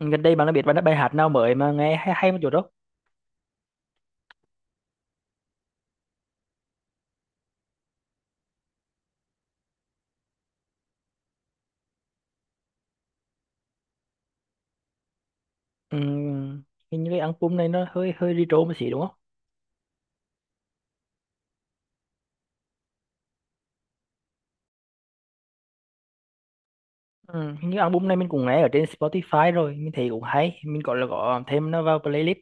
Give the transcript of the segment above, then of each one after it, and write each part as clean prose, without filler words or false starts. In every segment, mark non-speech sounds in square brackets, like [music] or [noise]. Gần đây bạn đã biết bài bài hát nào mới mà nghe hay hay một chút đó? Ừm, hình như cái album này nó hơi hơi retro một xí đúng không? Hình như album này mình cũng nghe ở trên Spotify rồi, mình thấy cũng hay, mình gọi là có thêm nó vào playlist.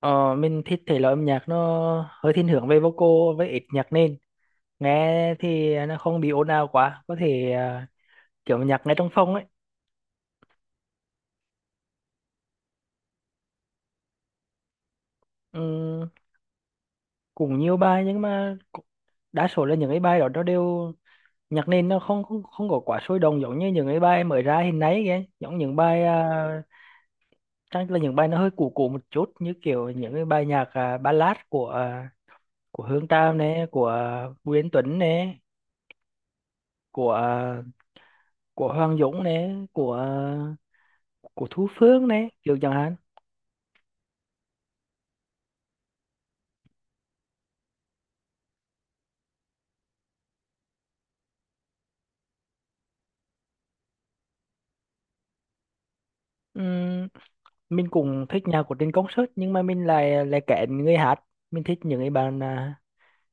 Ờ, mình thích thể loại âm nhạc nó hơi thiên hướng về vocal với ít nhạc nền, nghe thì nó không bị ồn ào quá, có thể kiểu nhạc nghe trong phòng ấy. Ừm, cũng nhiều bài nhưng mà đa số là những cái bài đó nó đều nhạc nền nó không không không có quá sôi động, giống như những cái bài mới ra hiện nay kìa, giống những bài. Chắc là những bài nó hơi cũ cũ một chút, như kiểu những cái bài nhạc ballad của của Hương Tràm này, của Bùi Anh Tuấn này, của của Hoàng Dũng này, của của Thu Phương này, kiểu chẳng hạn. Ừm, mình cũng thích nhạc của trên concert nhưng mà mình lại lại kén người hát. Mình thích những cái bạn,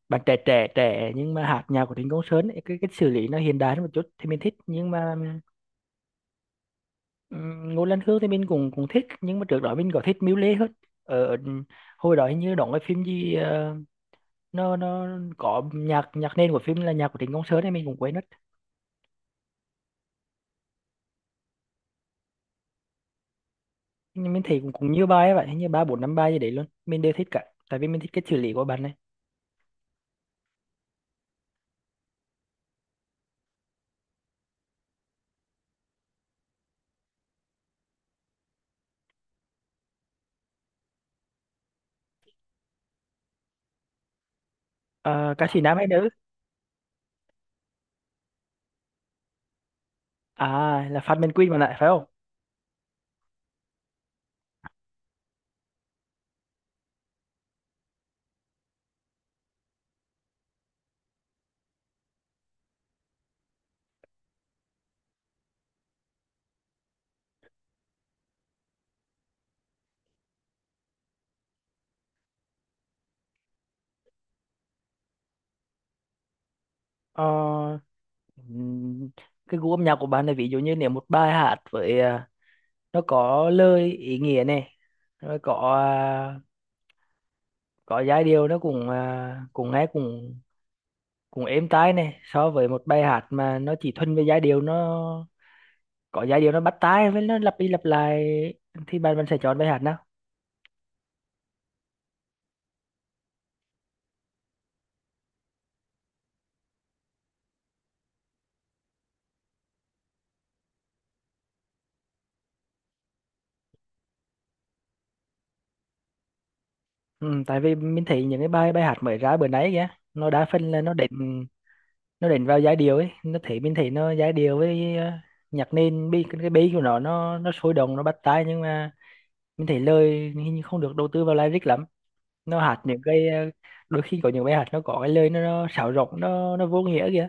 bạn trẻ trẻ trẻ nhưng mà hát nhạc của trên concert ấy, cái xử lý nó hiện đại hơn một chút thì mình thích, nhưng mà… Ngô Lan Hương thì mình cũng cũng thích, nhưng mà trước đó mình có thích Miu Lê hơn ở hồi đó. Hình như đóng cái phim gì, nó có nhạc nhạc nền của phim là nhạc của Trịnh Công Sơn ấy, mình cũng quên mất. Nhưng mình thấy cũng cũng nhiều bài ấy, vậy hình như ba bốn năm bài gì đấy luôn mình đều thích cả, tại vì mình thích cái xử lý của bạn này. Ờ, ca sĩ nam hay nữ? À, là Phan Mạnh Quỳnh mà lại phải không? Ờ, ừm, cái gu âm nhạc của bạn này, ví dụ như nếu một bài hát với nó có lời ý nghĩa này, rồi có giai điệu nó cũng cũng nghe cũng cũng êm tai này, so với một bài hát mà nó chỉ thuần về giai điệu, nó có giai điệu nó bắt tai với nó lặp đi lặp lại, thì bạn bạn sẽ chọn bài hát nào? Ừ, tại vì mình thấy những cái bài bài hát mới ra bữa nay kìa, nó đa phần là nó đến, nó đến vào giai điệu ấy, nó thấy mình thấy nó giai điệu với nhạc nền bi, cái bi của nó nó sôi động, nó bắt tai, nhưng mà mình thấy lời hình như không được đầu tư vào lyric lắm. Nó hạt những cái, đôi khi có những bài hát nó có cái lời nó sáo rỗng, nó vô nghĩa kìa.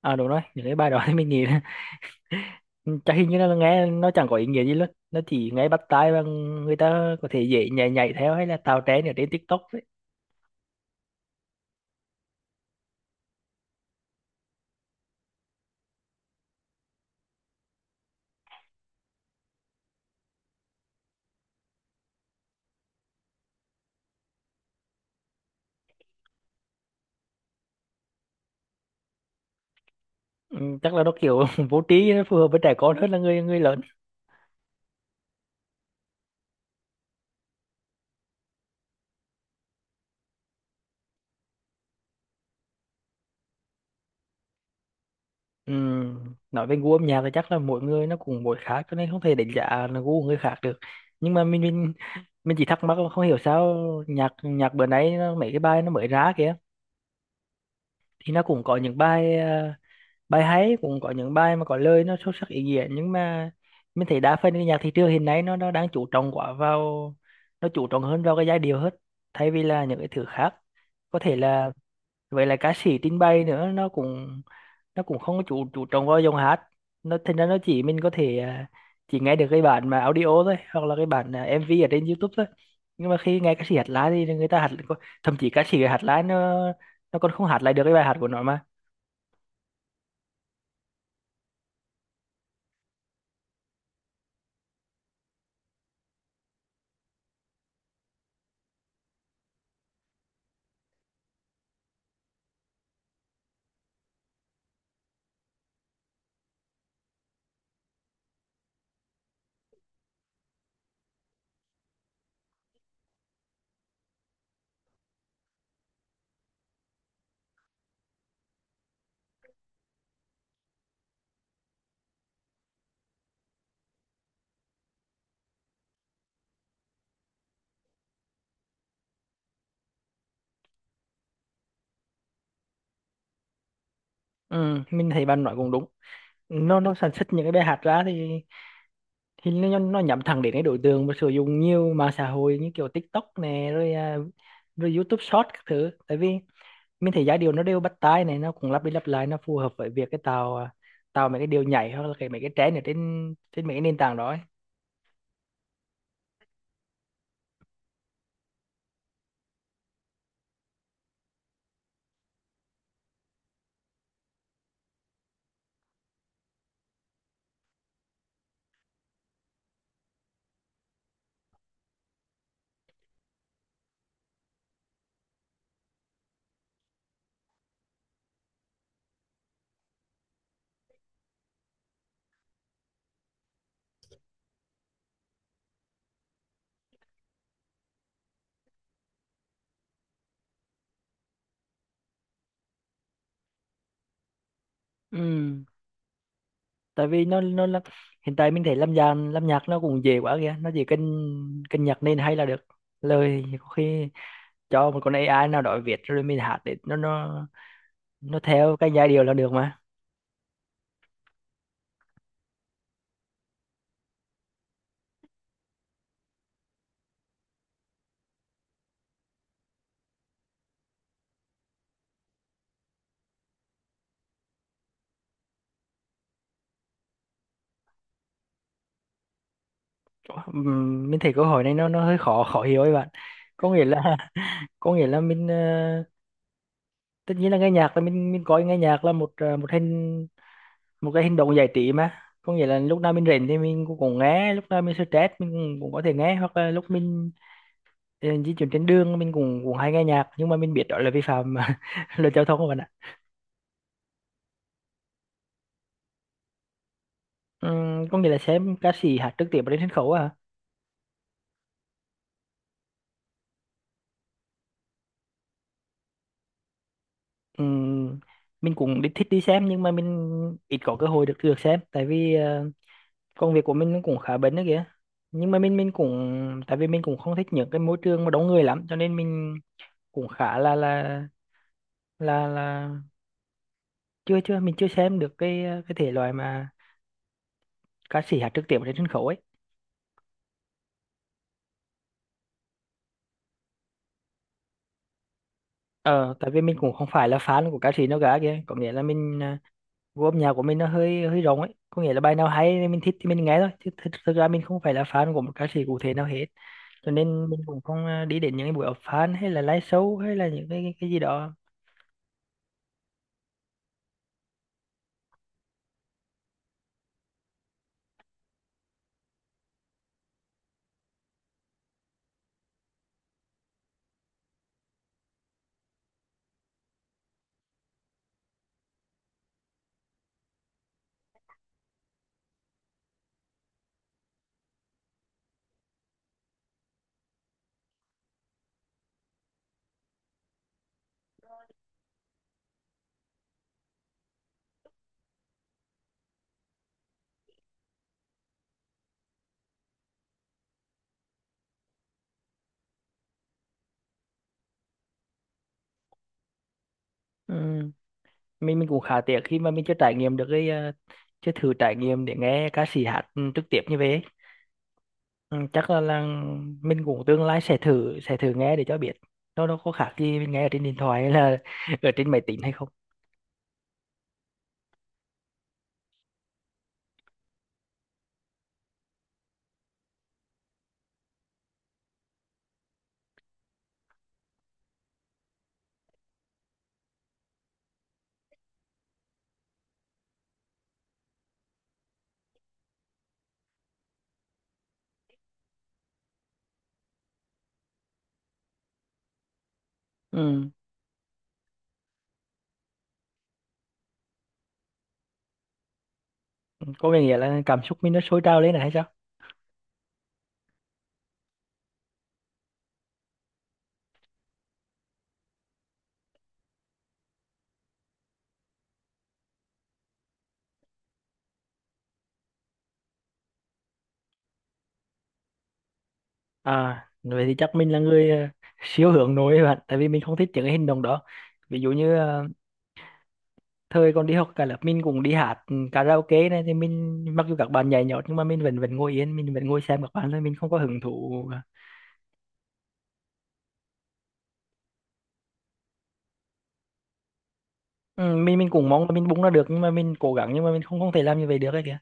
À đúng rồi, những cái bài đó thì mình nghĩ là [laughs] chắc hình như là nghe nó chẳng có ý nghĩa gì luôn, nó chỉ nghe bắt tai và người ta có thể dễ nhảy nhảy theo hay là tạo trend ở trên TikTok đấy. Ừ, chắc là nó kiểu [laughs] vô trí, nó phù hợp với trẻ con hơn là người người lớn. Ừ, nói về gu âm nhạc thì chắc là mỗi người nó cũng mỗi khác, cho nên không thể đánh giá là gu của người khác được. Nhưng mà mình mình chỉ thắc mắc là không hiểu sao nhạc nhạc bữa nay nó, mấy cái bài nó mới ra kìa, thì nó cũng có những bài, bài hay, cũng có những bài mà có lời nó sâu sắc ý nghĩa, nhưng mà mình thấy đa phần cái nhạc thị trường hiện nay nó đang chú trọng quá vào, nó chú trọng hơn vào cái giai điệu hết, thay vì là những cái thứ khác. Có thể là vậy, là ca sĩ trình bày nữa nó cũng, nó cũng không có chú trọng vào giọng hát, nó thành ra nó chỉ mình có thể chỉ nghe được cái bản mà audio thôi, hoặc là cái bản MV ở trên YouTube thôi. Nhưng mà khi nghe ca sĩ hát live thì người ta hát, thậm chí ca sĩ hát live nó còn không hát lại được cái bài hát của nó mà. Ừ, mình thấy bạn nói cũng đúng. Nó sản xuất những cái bài hát ra thì nó nhắm thẳng đến cái đối tượng mà sử dụng nhiều mạng xã hội như kiểu TikTok này, rồi rồi YouTube Short các thứ, tại vì mình thấy giai điệu nó đều bắt tai này, nó cũng lặp đi lặp lại, nó phù hợp với việc cái tạo tạo mấy cái điệu nhảy hoặc là cái mấy cái trend ở trên trên mấy cái nền tảng đó ấy. Ừ, tại vì nó là hiện tại mình thấy lâm nhạc nó cũng dễ quá kìa, nó chỉ cần cần nhạc nền hay là được, lời thì có khi cho một con AI nào đó viết rồi mình hát để nó nó theo cái giai điệu là được mà. Mình thấy câu hỏi này nó hơi khó khó hiểu ấy bạn, có nghĩa là [laughs] có nghĩa là mình, tất nhiên là nghe nhạc là mình coi nghe nhạc là một, một hình, một cái hành động giải trí mà, có nghĩa là lúc nào mình rảnh thì mình cũng, cũng nghe, lúc nào mình stress mình cũng, cũng có thể nghe, hoặc là lúc mình di chuyển trên đường mình cũng cũng hay nghe nhạc, nhưng mà mình biết đó là vi phạm [laughs] luật giao thông các bạn ạ. Có nghĩa là xem ca sĩ hát trực tiếp trên sân khấu à? Ừ, mình cũng đi thích đi xem nhưng mà mình ít có cơ hội được được xem, tại vì công việc của mình nó cũng khá bận đó kìa, nhưng mà mình cũng tại vì mình cũng không thích những cái môi trường mà đông người lắm, cho nên mình cũng khá là chưa chưa mình chưa xem được cái cái thể loại mà ca sĩ hát trực tiếp ở trên sân khấu ấy. Ờ, tại vì mình cũng không phải là fan của ca sĩ nào cả kìa, có nghĩa là mình, gu âm nhạc của mình nó hơi hơi rộng ấy, có nghĩa là bài nào hay thì mình thích thì mình nghe thôi, chứ thực, thực ra mình không phải là fan của một ca sĩ cụ thể nào hết, cho nên mình cũng không đi đến những cái buổi họp fan hay là live show hay là những cái gì đó. Ừ. mình cũng khá tiếc khi mà mình chưa trải nghiệm được cái chưa thử trải nghiệm để nghe ca sĩ hát ừ, trực tiếp như vậy ấy. Ừ. Chắc là mình cũng tương lai sẽ thử nghe để cho biết nó có khác gì mình nghe ở trên điện thoại hay là [laughs] ở trên máy tính hay không. Ừ, có nghĩa là cảm xúc mình nó sôi trào lên là hay sao? À, vậy thì chắc mình là người siêu hướng nội ấy bạn, tại vì mình không thích những cái hành động đó. Ví dụ như thời còn đi học cả lớp mình cũng đi hát ừ, karaoke này, thì mình mặc dù các bạn nhảy nhót nhưng mà mình vẫn vẫn ngồi yên, mình vẫn ngồi xem các bạn thôi, mình không có hứng thú. Ờ, Ừ, mình cũng mong là mình búng ra được, nhưng mà mình cố gắng nhưng mà mình không không thể làm như vậy được ấy kìa.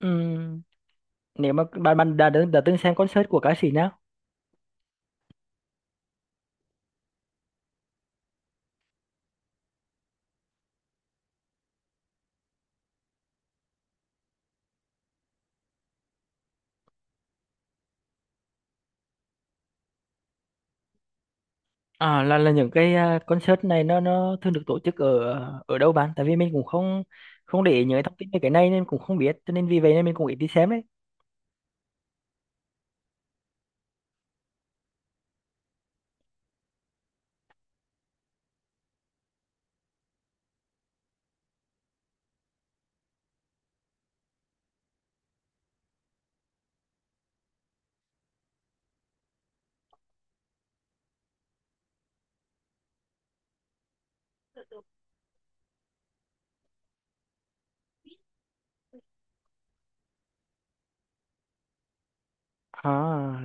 Ừ, nếu mà bạn bạn đã từng xem concert của ca sĩ nào? À, là những cái concert này nó thường được tổ chức ở ở đâu bạn? Tại vì mình cũng không không để ý những cái thông tin về cái này nên cũng không biết, cho nên vì vậy nên mình cũng ít đi xem đấy. À,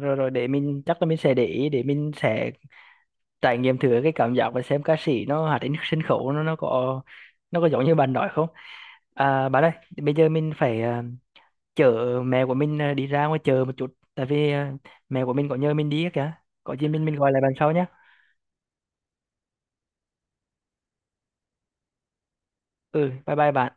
rồi rồi để mình chắc là mình sẽ để ý để mình sẽ trải nghiệm thử cái cảm giác và xem ca sĩ nó hát trên sân khấu nó có nó có giống như bạn nói không? À, bạn ơi, bây giờ mình phải chở mẹ của mình đi ra ngoài chờ một chút, tại vì mẹ của mình có nhờ mình đi á kìa. Có gì mình gọi lại bạn sau nhé. Ừ, bye bye bạn.